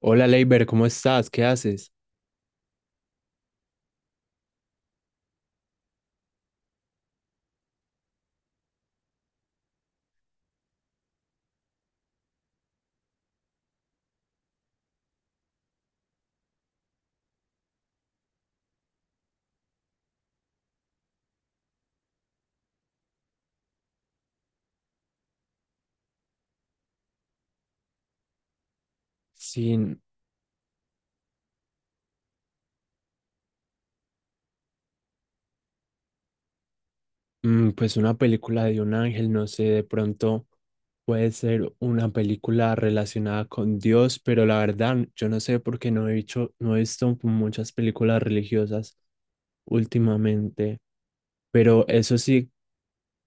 Hola Leiber, ¿cómo estás? ¿Qué haces? Sin, pues una película de un ángel, no sé, de pronto puede ser una película relacionada con Dios, pero la verdad, yo no sé por qué no he visto muchas películas religiosas últimamente, pero eso sí,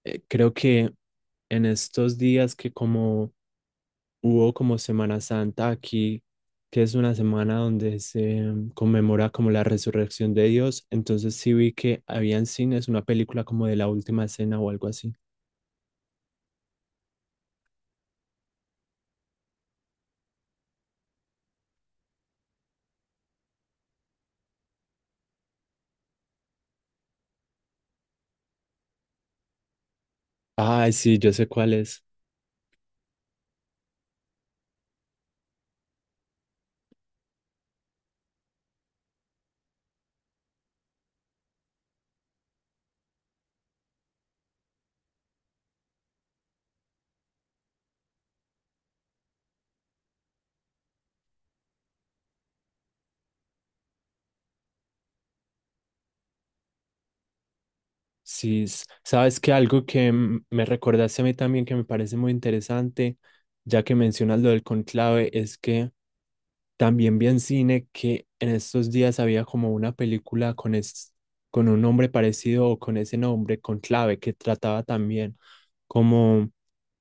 creo que en estos días que como hubo como Semana Santa aquí, que es una semana donde se conmemora como la resurrección de Dios. Entonces sí vi que había en cines una película como de la última cena o algo así. Ay, sí, yo sé cuál es. Sí, sabes que algo que me recordaste a mí también que me parece muy interesante, ya que mencionas lo del conclave, es que también vi en cine que en estos días había como una película con, con un nombre parecido o con ese nombre, con clave, que trataba también como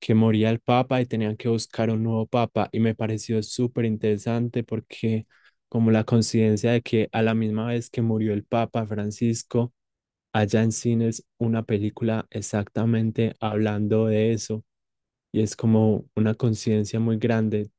que moría el papa y tenían que buscar un nuevo papa. Y me pareció súper interesante porque como la coincidencia de que a la misma vez que murió el papa Francisco, allá en cines una película exactamente hablando de eso. Y es como una coincidencia muy grande.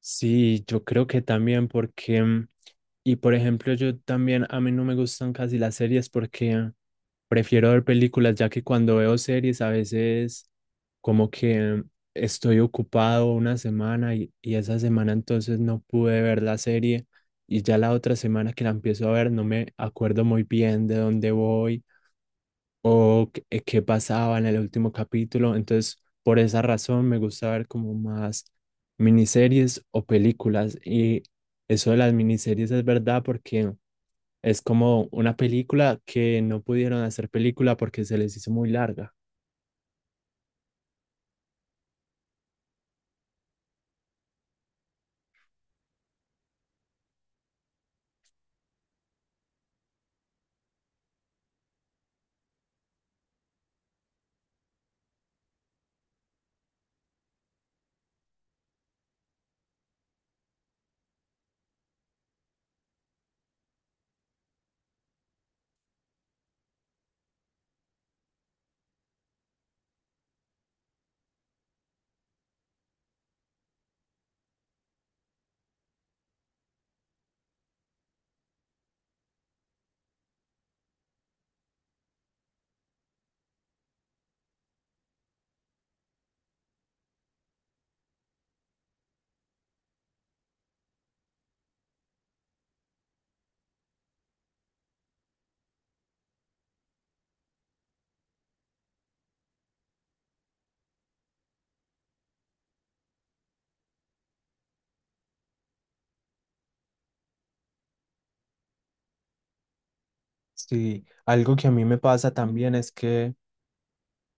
Sí, yo creo que también porque, y por ejemplo, yo también, a mí no me gustan casi las series porque prefiero ver películas, ya que cuando veo series a veces como que estoy ocupado una semana y esa semana entonces no pude ver la serie y ya la otra semana que la empiezo a ver no me acuerdo muy bien de dónde voy o qué, qué pasaba en el último capítulo. Entonces, por esa razón me gusta ver como más miniseries o películas. Y eso de las miniseries es verdad porque es como una película que no pudieron hacer película porque se les hizo muy larga. Sí, algo que a mí me pasa también es que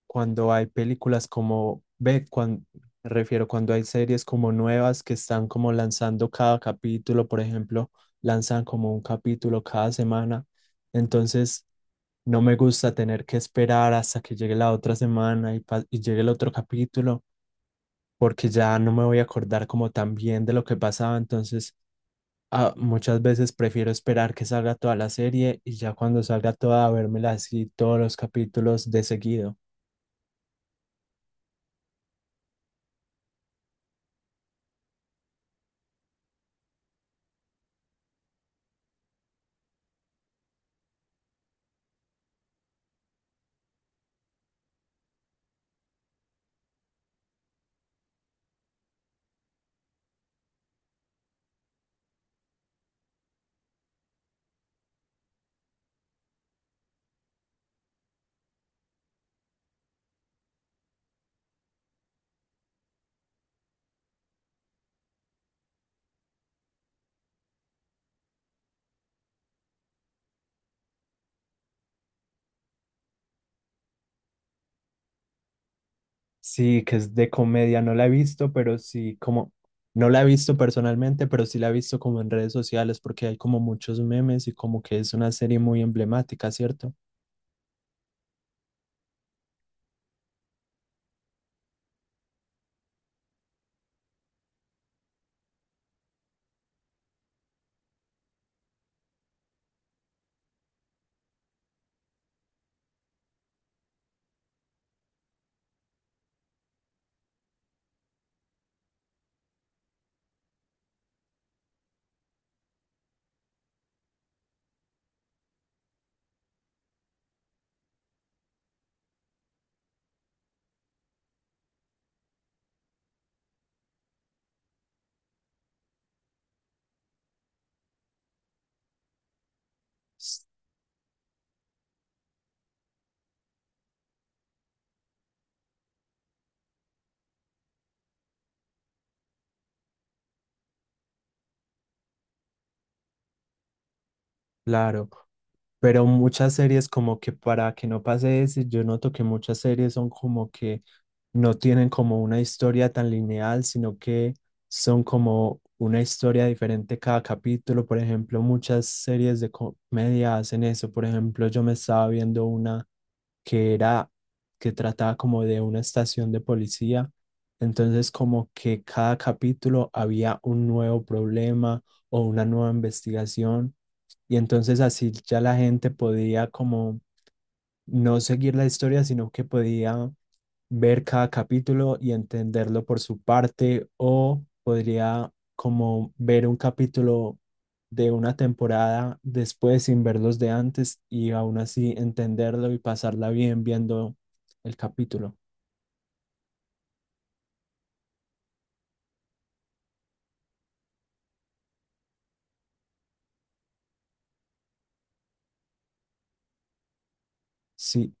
cuando hay películas como, ve, cuando, refiero cuando hay series como nuevas que están como lanzando cada capítulo, por ejemplo, lanzan como un capítulo cada semana. Entonces, no me gusta tener que esperar hasta que llegue la otra semana y, y llegue el otro capítulo, porque ya no me voy a acordar como tan bien de lo que pasaba. Entonces, muchas veces prefiero esperar que salga toda la serie y ya cuando salga toda, vérmela así todos los capítulos de seguido. Sí, que es de comedia, no la he visto, pero sí, como, no la he visto personalmente, pero sí la he visto como en redes sociales porque hay como muchos memes y como que es una serie muy emblemática, ¿cierto? S- Claro, pero muchas series como que para que no pase eso, yo noto que muchas series son como que no tienen como una historia tan lineal, sino que son como una historia diferente cada capítulo. Por ejemplo, muchas series de comedia hacen eso. Por ejemplo, yo me estaba viendo una que era, que trataba como de una estación de policía. Entonces, como que cada capítulo había un nuevo problema o una nueva investigación. Y entonces así ya la gente podía como no seguir la historia, sino que podía ver cada capítulo y entenderlo por su parte, o podría como ver un capítulo de una temporada después sin ver los de antes y aún así entenderlo y pasarla bien viendo el capítulo. Sí.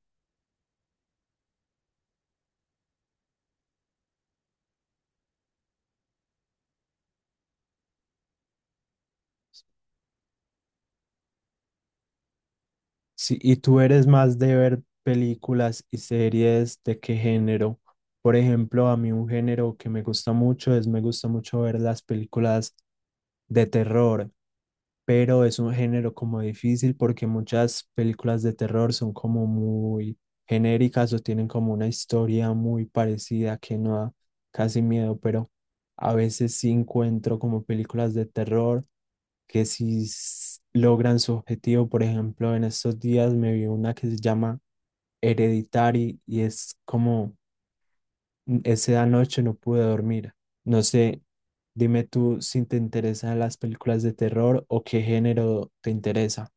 Sí, ¿y tú eres más de ver películas y series de qué género? Por ejemplo, a mí un género que me gusta mucho es, me gusta mucho ver las películas de terror, pero es un género como difícil porque muchas películas de terror son como muy genéricas o tienen como una historia muy parecida que no da casi miedo, pero a veces sí encuentro como películas de terror que sí logran su objetivo. Por ejemplo, en estos días me vi una que se llama Hereditary y es como esa noche no pude dormir. No sé, dime tú si te interesan las películas de terror o qué género te interesa.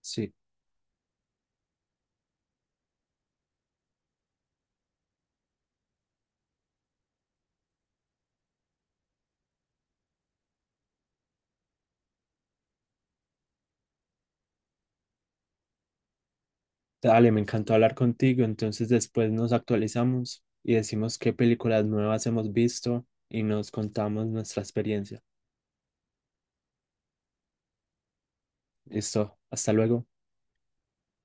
Sí, dale, me encantó hablar contigo. Entonces después nos actualizamos y decimos qué películas nuevas hemos visto y nos contamos nuestra experiencia. Listo, hasta luego.